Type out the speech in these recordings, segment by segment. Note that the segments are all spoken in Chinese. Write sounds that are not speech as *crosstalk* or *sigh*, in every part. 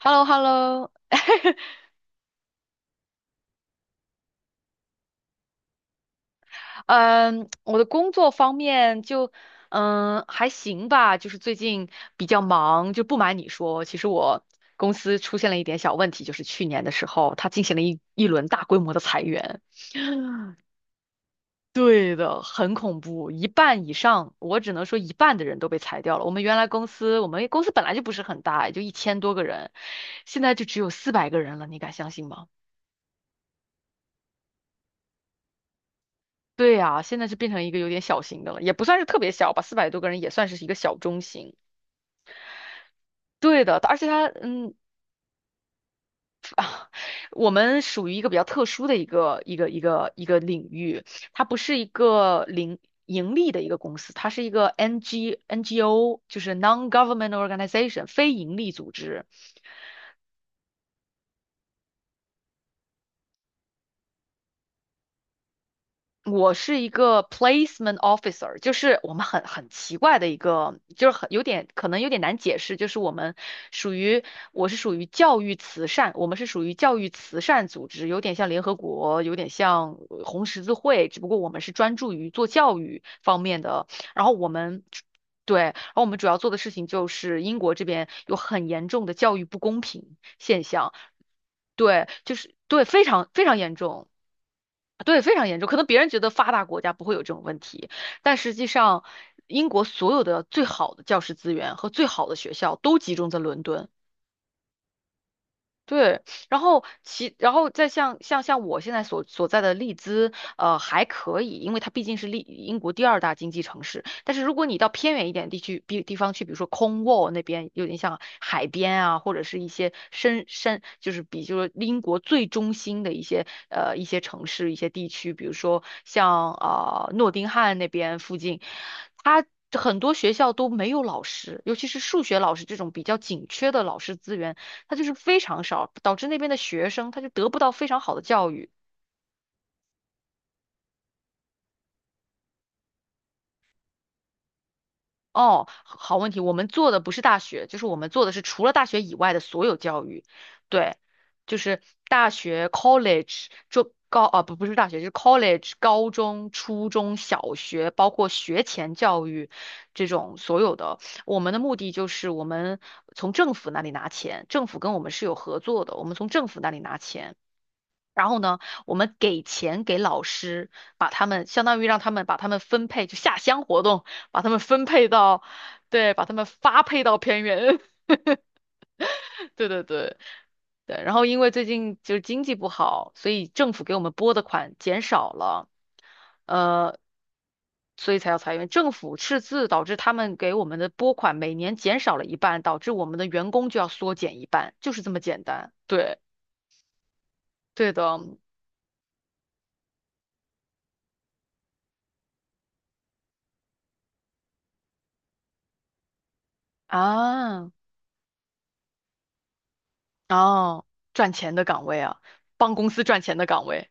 H e l l o, h e l l o. *laughs* 嗯，我的工作方面就还行吧，就是最近比较忙，就不瞒你说，其实我公司出现了一点小问题，就是去年的时候，它进行了一轮大规模的裁员。*laughs* *sighs* 对的，很恐怖，一半以上，我只能说一半的人都被裁掉了。我们原来公司，我们公司本来就不是很大，也就1000多个人，现在就只有四百个人了，你敢相信吗？对呀，现在是变成一个有点小型的了，也不算是特别小吧，400多个人也算是一个小中型。对的，而且它，我们属于一个比较特殊的一个领域，它不是一个零盈利的一个公司，它是一个 NGO，就是 non-government organization，非盈利组织。我是一个 placement officer，就是我们很奇怪的一个，就是很有点可能有点难解释，就是我们属于我是属于教育慈善，我们是属于教育慈善组织，有点像联合国，有点像红十字会，只不过我们是专注于做教育方面的，然后我们。对，然后我们主要做的事情就是英国这边有很严重的教育不公平现象，对，就是对，非常非常严重。对，非常严重。可能别人觉得发达国家不会有这种问题，但实际上，英国所有的最好的教师资源和最好的学校都集中在伦敦。对，然后再像我现在所在的利兹，还可以，因为它毕竟是英国第二大经济城市。但是如果你到偏远一点地区，比地方去，比如说空沃那边，有点像海边啊，或者是一些深，就是就是英国最中心的一些一些城市、一些地区，比如说像诺丁汉那边附近，它。很多学校都没有老师，尤其是数学老师这种比较紧缺的老师资源，它就是非常少，导致那边的学生他就得不到非常好的教育。哦，好问题，我们做的不是大学，就是我们做的是除了大学以外的所有教育，对，就是大学 college 中高啊不是大学，就是 college 高中、初中小学，包括学前教育这种所有的。我们的目的就是我们从政府那里拿钱，政府跟我们是有合作的，我们从政府那里拿钱。然后呢，我们给钱给老师，把他们相当于让他们把他们分配，就下乡活动，把他们分配到，对，把他们发配到偏远，*laughs* 对对对对。然后因为最近就是经济不好，所以政府给我们拨的款减少了，呃，所以才要裁员。政府赤字导致他们给我们的拨款每年减少了一半，导致我们的员工就要缩减一半，就是这么简单。对，对的啊。哦，赚钱的岗位啊，帮公司赚钱的岗位。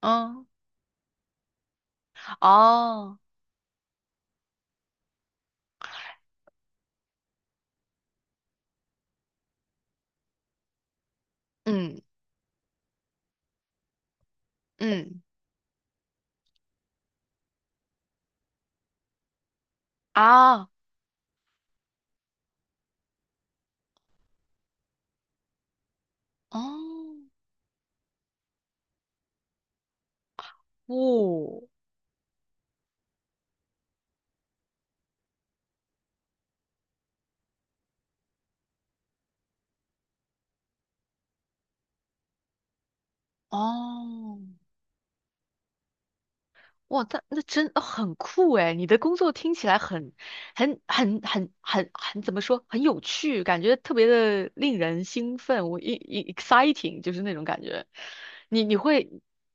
嗯，哦，嗯嗯啊，哦，哦哦，哇，那真很酷诶，你的工作听起来很很怎么说，很有趣，感觉特别的令人兴奋，我一 exciting 就是那种感觉。你会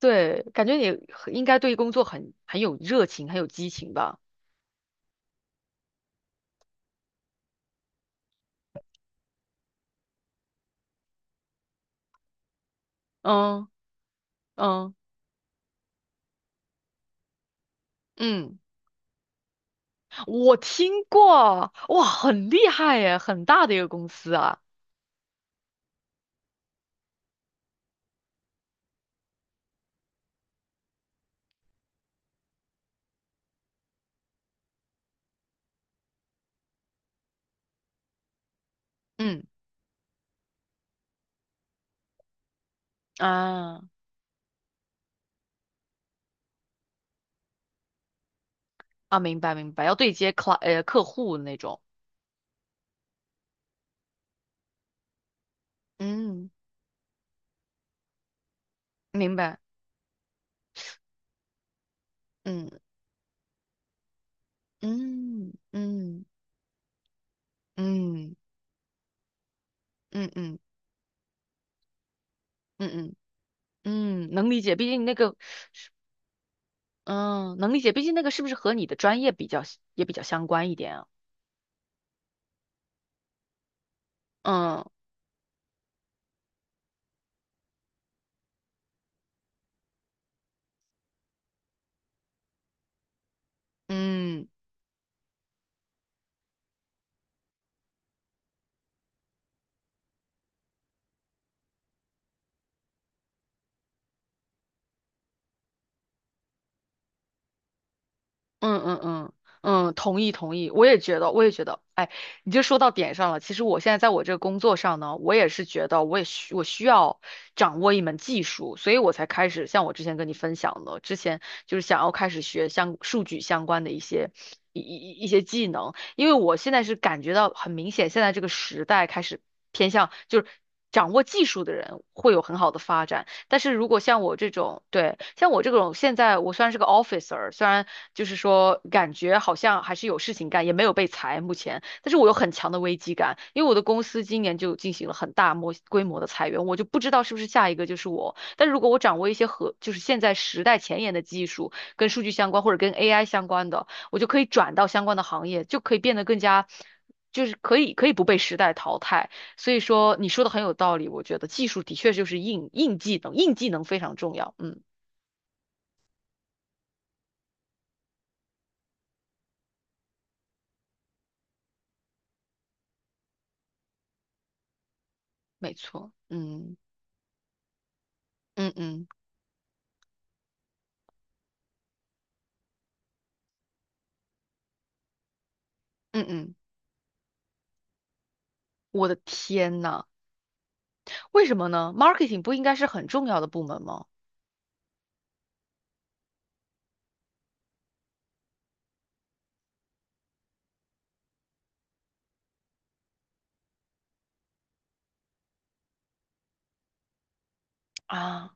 对，感觉你很应该对工作很有热情，很有激情吧？嗯嗯嗯。我听过，哇，很厉害耶，很大的一个公司啊。嗯啊啊，明白明白，要对接客户那种。嗯，明白。嗯嗯嗯嗯嗯嗯嗯嗯嗯，能理解。毕竟那个，嗯，能理解。毕竟那个是不是和你的专业比较也比较相关一点啊？嗯嗯。嗯嗯嗯嗯，同意同意，我也觉得，我也觉得，哎，你就说到点上了。其实我现在在我这个工作上呢，我也是觉得，我需要掌握一门技术，所以我才开始像我之前跟你分享的，之前就是想要开始学相数据相关的一些一些技能，因为我现在是感觉到很明显，现在这个时代开始偏向就是。掌握技术的人会有很好的发展，但是如果像我这种，对，像我这种，现在我虽然是个 officer，虽然就是说感觉好像还是有事情干，也没有被裁目前，但是我有很强的危机感，因为我的公司今年就进行了很大规模的裁员，我就不知道是不是下一个就是我。但如果我掌握一些和就是现在时代前沿的技术，跟数据相关或者跟 AI 相关的，我就可以转到相关的行业，就可以变得更加，就是可以不被时代淘汰。所以说你说的很有道理，我觉得技术的确就是硬技能，硬技能非常重要。嗯，没错。嗯嗯嗯嗯嗯，我的天呐，为什么呢？marketing 不应该是很重要的部门吗？啊，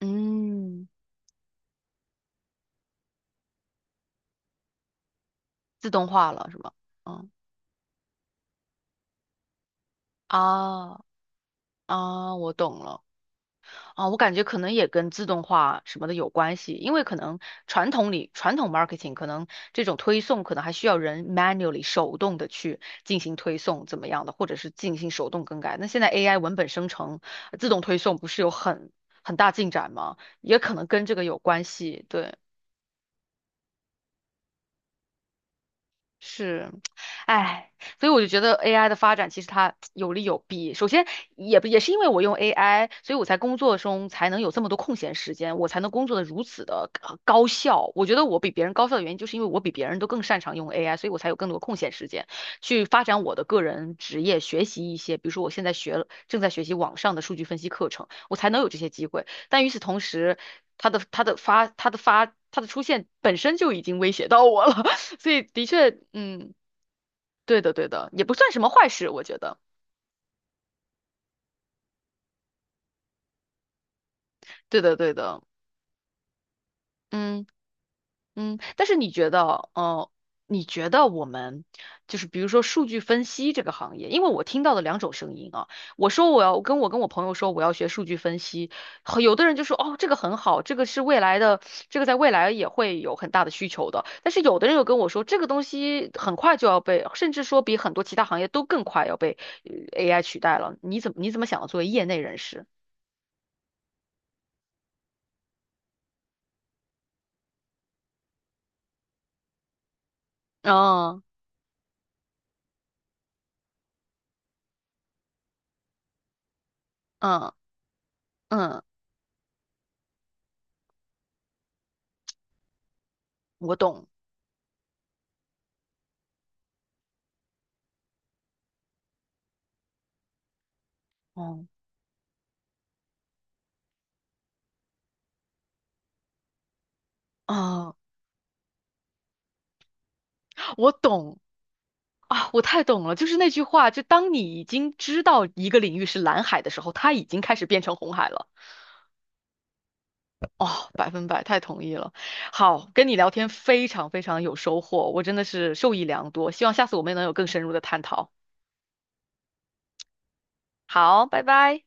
嗯，自动化了是吗？嗯啊啊，我懂了。啊，我感觉可能也跟自动化什么的有关系，因为可能传统 marketing 可能这种推送可能还需要人 manually 手动的去进行推送怎么样的，或者是进行手动更改。那现在 AI 文本生成、自动推送不是有很大进展吗？也可能跟这个有关系，对。是，哎，所以我就觉得 AI 的发展其实它有利有弊。首先，也不也是因为我用 AI，所以我才工作中才能有这么多空闲时间，我才能工作的如此的高效。我觉得我比别人高效的原因，就是因为我比别人都更擅长用 AI，所以我才有更多空闲时间去发展我的个人职业，学习一些，比如说我现在学了，正在学习网上的数据分析课程，我才能有这些机会。但与此同时，它的出现本身就已经威胁到我了，所以的确，嗯，对的，对的，也不算什么坏事，我觉得，对的，对的，嗯嗯。但是你觉得我们就是比如说数据分析这个行业，因为我听到的两种声音啊，我说我要跟我朋友说我要学数据分析，很有的人就说哦这个很好，这个是未来的，这个在未来也会有很大的需求的。但是有的人又跟我说这个东西很快就要被，甚至说比很多其他行业都更快要被呃 AI 取代了。你怎么想的？作为业内人士？哦，嗯嗯，我懂，哦哦，我懂啊，我太懂了，就是那句话，就当你已经知道一个领域是蓝海的时候，它已经开始变成红海了。哦，百分百，太同意了。好，跟你聊天非常非常有收获，我真的是受益良多，希望下次我们能有更深入的探讨。好，拜拜。